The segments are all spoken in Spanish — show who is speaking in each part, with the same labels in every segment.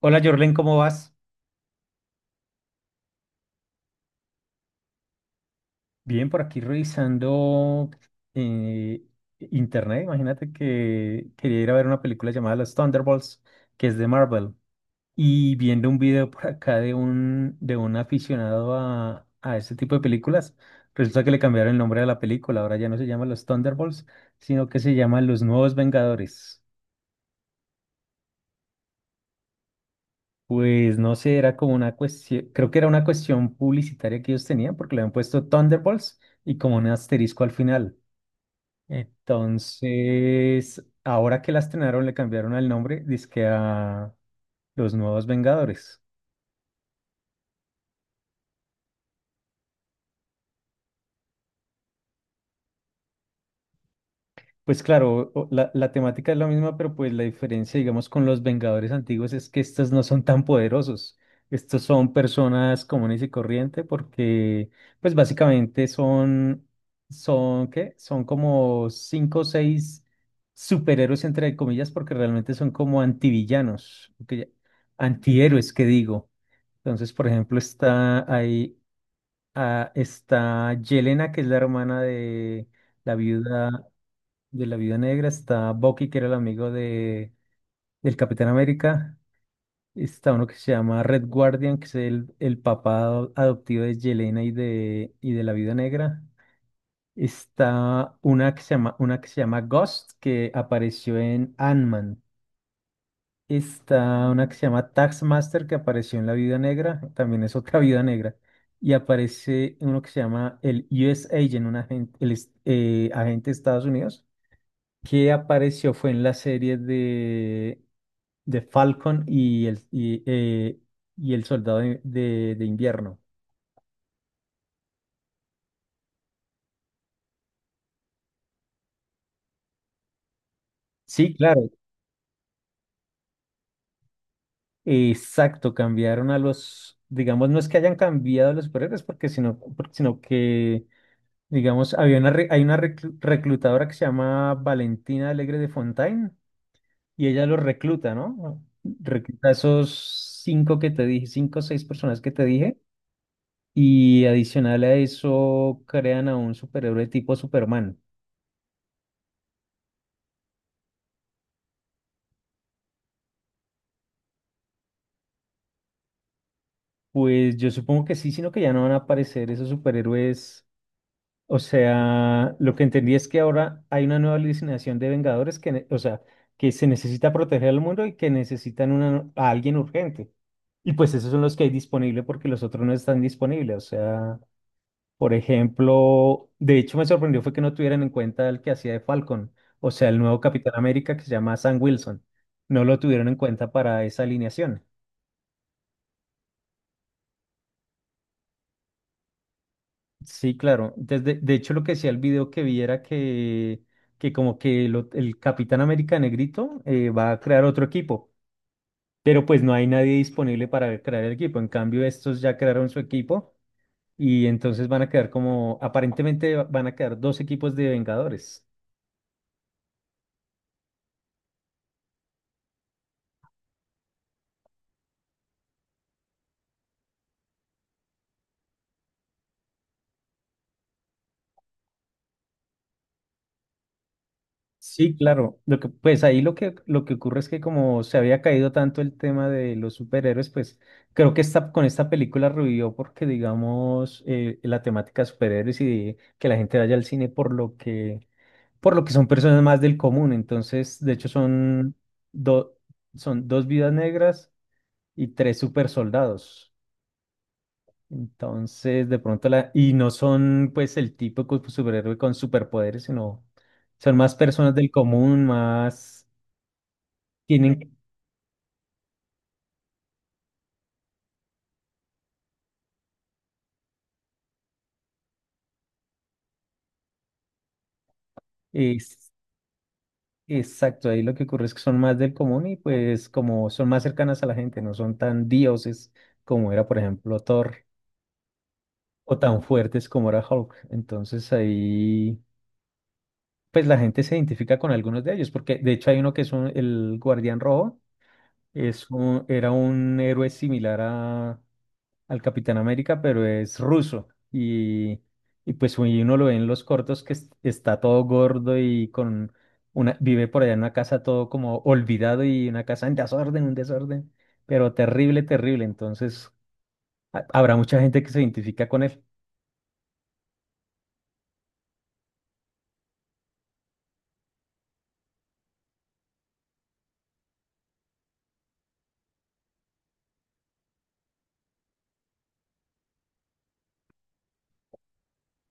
Speaker 1: Hola Jorlen, ¿cómo vas? Bien, por aquí revisando eh, internet. Imagínate que quería ir a ver una película llamada Los Thunderbolts, que es de Marvel, y viendo un video por acá de un aficionado a este tipo de películas, resulta que le cambiaron el nombre de la película. Ahora ya no se llama Los Thunderbolts, sino que se llama Los Nuevos Vengadores. Pues no sé, era como una cuestión, creo que era una cuestión publicitaria que ellos tenían, porque le habían puesto Thunderbolts y como un asterisco al final. Entonces, ahora que la estrenaron, le cambiaron el nombre, dizque a Los Nuevos Vengadores. Pues claro, la temática es la misma, pero pues la diferencia, digamos, con los Vengadores antiguos es que estos no son tan poderosos. Estos son personas comunes y corrientes porque, pues básicamente son, son, ¿qué? Son como cinco o seis superhéroes, entre comillas, porque realmente son como antivillanos, antihéroes, que digo. Entonces, por ejemplo, está ahí, está Yelena, que es la hermana la viuda de la Viuda Negra, está Bucky, que era el amigo del Capitán América, está uno que se llama Red Guardian, que es el papá adoptivo de Yelena y de la Viuda Negra, está una que se llama, una que se llama Ghost, que apareció en Ant-Man, está una que se llama Taskmaster, que apareció en la Viuda Negra, también es otra Viuda Negra. Y aparece uno que se llama el US Agent, un agente, agente de Estados Unidos, que apareció fue en la serie de Falcon y y el Soldado de Invierno. Sí, claro, exacto, cambiaron a los, digamos, no es que hayan cambiado a los superhéroes, sino que, digamos, hay una reclutadora que se llama Valentina Alegre de Fontaine y ella los recluta, ¿no? Recluta a esos cinco que te dije, cinco o seis personas que te dije. Y adicional a eso, crean a un superhéroe tipo Superman. Pues yo supongo que sí, sino que ya no van a aparecer esos superhéroes. O sea, lo que entendí es que ahora hay una nueva alucinación de Vengadores o sea, que se necesita proteger al mundo y que necesitan a alguien urgente. Y pues esos son los que hay disponible porque los otros no están disponibles. O sea, por ejemplo, de hecho me sorprendió fue que no tuvieran en cuenta el que hacía de Falcon, o sea, el nuevo Capitán América que se llama Sam Wilson. No lo tuvieron en cuenta para esa alineación. Sí, claro. Desde, de hecho, lo que decía el video que vi era que como que el Capitán América Negrito va a crear otro equipo, pero pues no hay nadie disponible para crear el equipo. En cambio, estos ya crearon su equipo y entonces van a quedar como, aparentemente van a quedar dos equipos de Vengadores. Sí, claro. Lo que ocurre es que como se había caído tanto el tema de los superhéroes, pues creo que esta, con esta película revivió porque, digamos, la temática de superhéroes y de que la gente vaya al cine por lo que son personas más del común. Entonces, de hecho, son, do- son dos vidas negras y tres super soldados. Entonces, de pronto la, y no son pues el típico superhéroe con superpoderes, sino son más personas del común, más tienen, es, exacto, ahí lo que ocurre es que son más del común y pues como son más cercanas a la gente, no son tan dioses como era, por ejemplo, Thor o tan fuertes como era Hulk. Entonces ahí, pues la gente se identifica con algunos de ellos, porque de hecho hay uno que es el Guardián Rojo, es era un héroe al Capitán América, pero es ruso. Y pues uy, uno lo ve en los cortos que está todo gordo y con una, vive por allá en una casa todo como olvidado y una casa en desorden, un desorden, pero terrible, terrible. Entonces, habrá mucha gente que se identifica con él.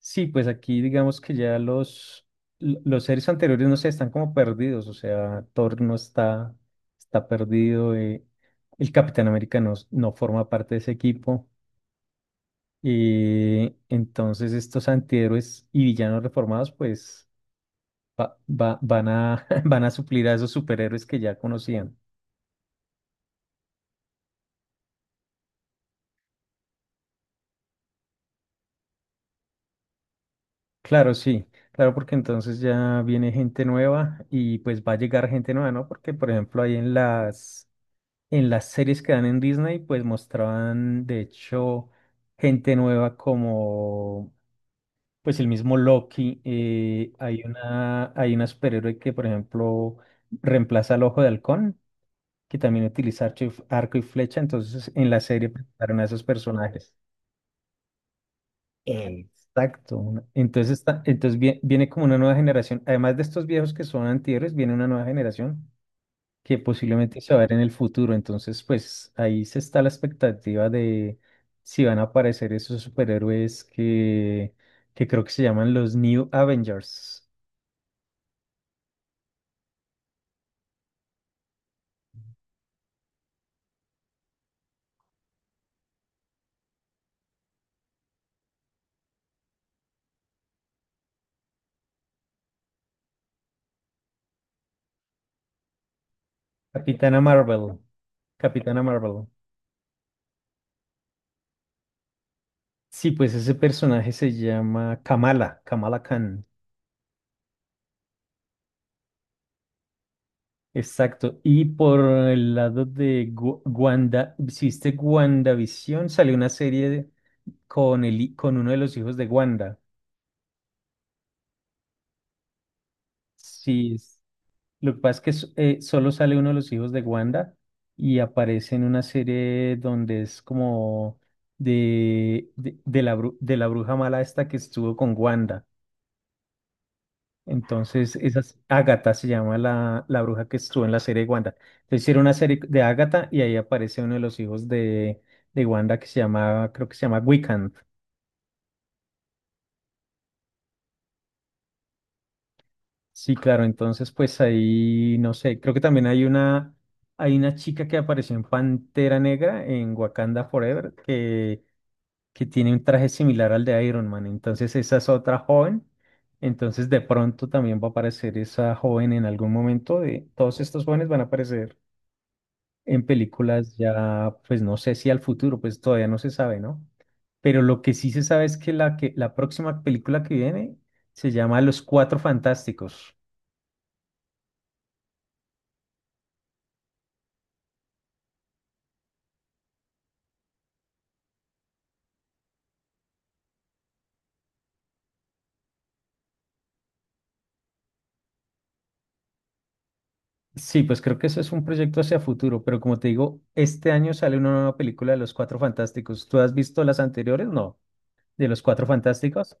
Speaker 1: Sí, pues aquí digamos que ya los, los series anteriores, no sé, están como perdidos, o sea, Thor no está, está perdido, el Capitán América no, no forma parte de ese equipo. Y entonces estos antihéroes y villanos reformados pues van a suplir a esos superhéroes que ya conocían. Claro, sí, claro, porque entonces ya viene gente nueva y pues va a llegar gente nueva, ¿no? Porque por ejemplo ahí en las series que dan en Disney pues mostraban de hecho gente nueva como pues el mismo Loki. Hay una superhéroe que por ejemplo reemplaza al Ojo de Halcón. Que también utiliza arco y flecha, entonces en la serie presentaron a esos personajes. Exacto. Entonces, está, entonces viene, como una nueva generación, además de estos viejos que son antihéroes, viene una nueva generación que posiblemente se va a ver en el futuro, entonces pues ahí se está la expectativa de si van a aparecer esos superhéroes que creo que se llaman los New Avengers. Capitana Marvel. Capitana Marvel. Sí, pues ese personaje se llama Kamala, Kamala Khan. Exacto. Y por el lado de Wanda, si viste WandaVision, salió una serie de- con, con uno de los hijos de Wanda. Sí, lo que pasa es que solo sale uno de los hijos de Wanda y aparece en una serie donde es como de la bruja mala esta que estuvo con Wanda. Entonces, esa es Ágata se llama la bruja que estuvo en la serie de Wanda. Entonces, hicieron una serie de Ágata y ahí aparece uno de los hijos de Wanda que se llama, creo que se llama Wiccan. Sí, claro, entonces pues ahí, no sé, creo que también hay una chica que apareció en Pantera Negra, en Wakanda Forever, que tiene un traje similar al de Iron Man. Entonces, esa es otra joven. Entonces, de pronto también va a aparecer esa joven en algún momento. De, todos estos jóvenes van a aparecer en películas ya, pues no sé si al futuro, pues todavía no se sabe, ¿no? Pero lo que sí se sabe es que la próxima película que viene se llama Los Cuatro Fantásticos. Sí, pues creo que eso es un proyecto hacia futuro, pero como te digo, este año sale una nueva película de Los Cuatro Fantásticos. ¿Tú has visto las anteriores? No, de Los Cuatro Fantásticos.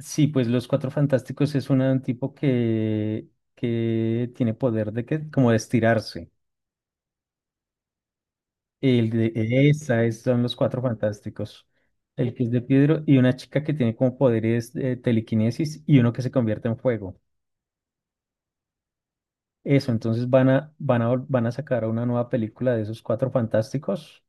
Speaker 1: Sí, pues Los Cuatro Fantásticos es un tipo que tiene poder de que, como de estirarse. El de esa, son los cuatro fantásticos. El que es de Pedro y una chica que tiene como poderes de telequinesis y uno que se convierte en fuego. Eso, entonces van a sacar una nueva película de esos cuatro fantásticos.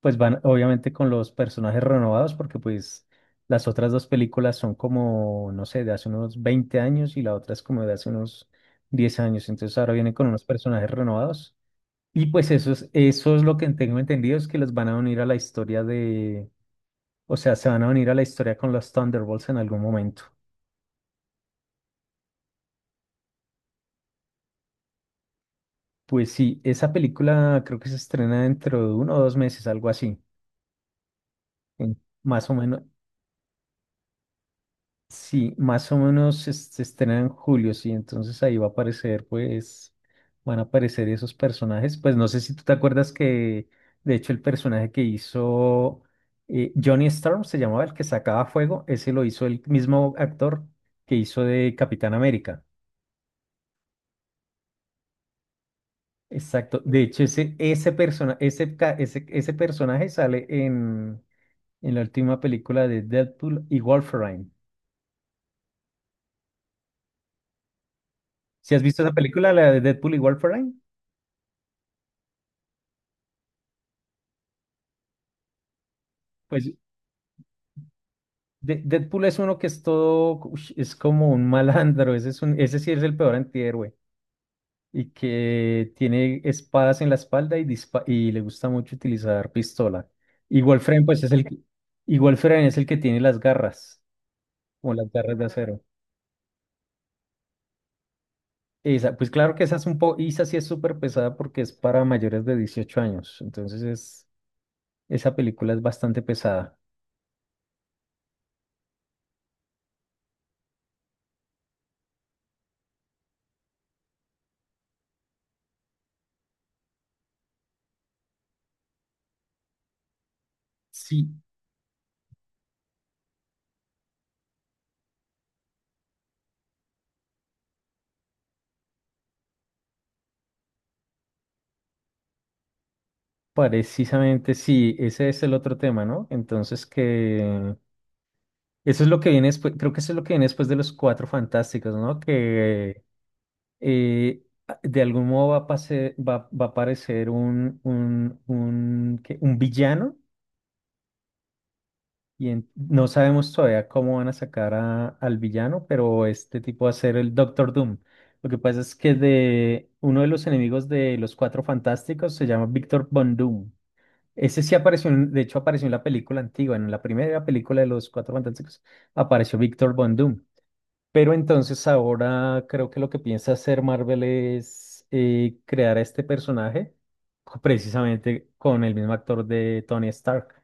Speaker 1: Pues van, obviamente, con los personajes renovados, porque pues las otras dos películas son como, no sé, de hace unos 20 años y la otra es como de hace unos 10 años. Entonces ahora vienen con unos personajes renovados. Y pues eso es lo que tengo entendido, es que los van a unir a la historia de, o sea, se van a venir a la historia con los Thunderbolts en algún momento. Pues sí, esa película creo que se estrena dentro de uno o dos meses, algo así. Más o menos, sí, más o menos se estrena en julio, sí. Entonces ahí va a aparecer, pues, van a aparecer esos personajes. Pues no sé si tú te acuerdas que, de hecho, el personaje que hizo Johnny Storm se llamaba el que sacaba fuego, ese lo hizo el mismo actor que hizo de Capitán América. Exacto. De hecho, ese, persona, ese, ca- ese personaje sale en la última película de Deadpool y Wolverine. Si has visto esa película, la de Deadpool y Wolverine, pues Deadpool es uno que es todo, ush, es como un malandro, ese sí es el peor antihéroe, y que tiene espadas en la espalda y le gusta mucho utilizar pistola. Y Wolverine, pues es y Wolverine es el que tiene las garras, como las garras de acero. Isa, pues claro que esa es un poco, Isa sí es súper pesada porque es para mayores de 18 años, entonces es, esa película es bastante pesada. Sí, precisamente sí, ese es el otro tema, ¿no? Entonces que eso es lo que viene después, creo que eso es lo que viene después de los Cuatro Fantásticos, ¿no? Que eh, de algún modo va a aparecer, ¿qué?, un villano. Y no sabemos todavía cómo van a sacar al villano, pero este tipo va a ser el Doctor Doom. Lo que pasa es que de uno de los enemigos de los Cuatro Fantásticos se llama Victor Von Doom. Ese sí apareció, de hecho apareció en la película antigua, en la primera película de los Cuatro Fantásticos, apareció Victor Von Doom. Pero entonces ahora creo que lo que piensa hacer Marvel es crear a este personaje precisamente con el mismo actor de Tony Stark.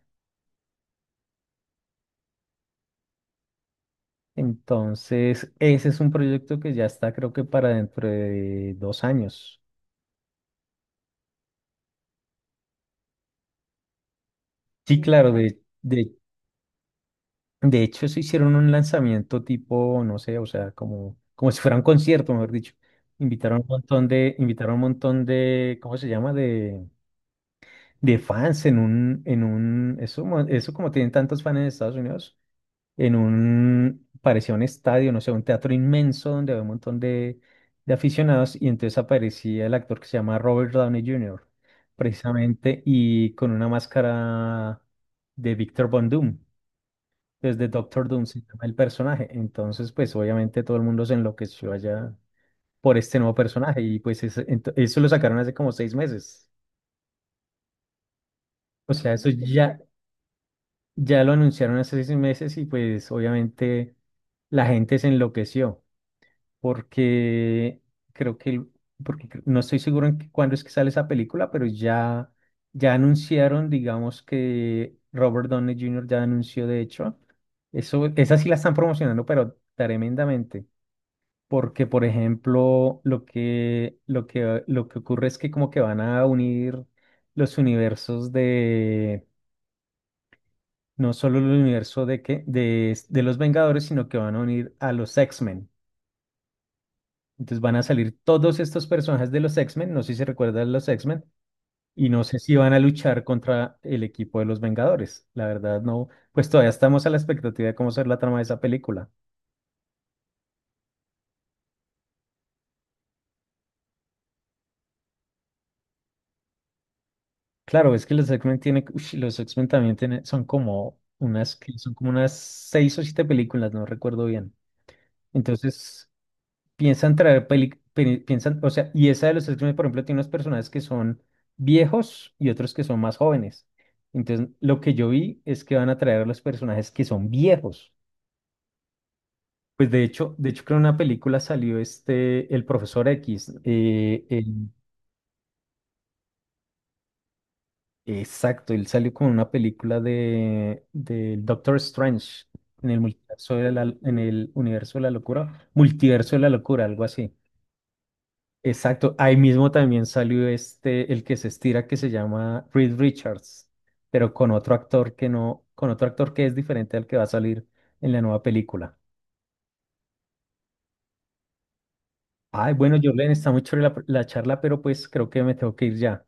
Speaker 1: Entonces, ese es un proyecto que ya está, creo que para dentro de 2 años. Sí, claro, de hecho se hicieron un lanzamiento tipo, no sé, o sea, como, como si fuera un concierto, mejor dicho. Invitaron un montón de, invitaron un montón de, ¿cómo se llama? De fans en un, eso, mo- eso como tienen tantos fans en Estados Unidos, parecía un estadio, no sé, un teatro inmenso donde había un montón de aficionados, y entonces aparecía el actor que se llama Robert Downey Jr., precisamente, y con una máscara de Victor Von Doom, desde Doctor Doom se llama el personaje. Entonces, pues obviamente todo el mundo se enloqueció allá por este nuevo personaje y pues eso lo sacaron hace como 6 meses. O sea, eso ya, lo anunciaron hace 6 meses y pues obviamente la gente se enloqueció, porque creo que, no estoy seguro cuándo es que sale esa película, pero ya anunciaron, digamos que Robert Downey Jr. ya anunció, de hecho, eso, esa sí la están promocionando, pero tremendamente. Porque, por ejemplo, lo que ocurre es que como que van a unir los universos no solo el universo de los Vengadores, sino que van a unir a los X-Men. Entonces van a salir todos estos personajes de los X-Men, no sé si se recuerdan los X-Men, y no sé si van a luchar contra el equipo de los Vengadores. La verdad no, pues todavía estamos a la expectativa de cómo será la trama de esa película. Claro, es que los X-Men tienen, los X-Men también tienen, son como unas seis o siete películas, no recuerdo bien. Entonces, piensan traer peli, peli- piensan, o sea, y esa de los X-Men, por ejemplo, tiene unos personajes que son viejos y otros que son más jóvenes. Entonces, lo que yo vi es que van a traer a los personajes que son viejos. Pues de hecho, creo en una película salió el Profesor X. Exacto, él salió con una película del Doctor Strange en el multiverso de la, en el universo de la locura, multiverso de la locura, algo así. Exacto, ahí mismo también salió el que se estira, que se llama Reed Richards, pero con otro actor que no, con otro actor que es diferente al que va a salir en la nueva película. Ay, bueno, Jorlen, está muy chévere la charla, pero pues creo que me tengo que ir ya.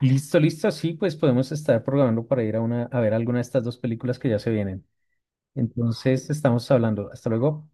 Speaker 1: Listo, listo, sí, pues podemos estar programando para ir a ver alguna de estas dos películas que ya se vienen. Entonces, estamos hablando. Hasta luego.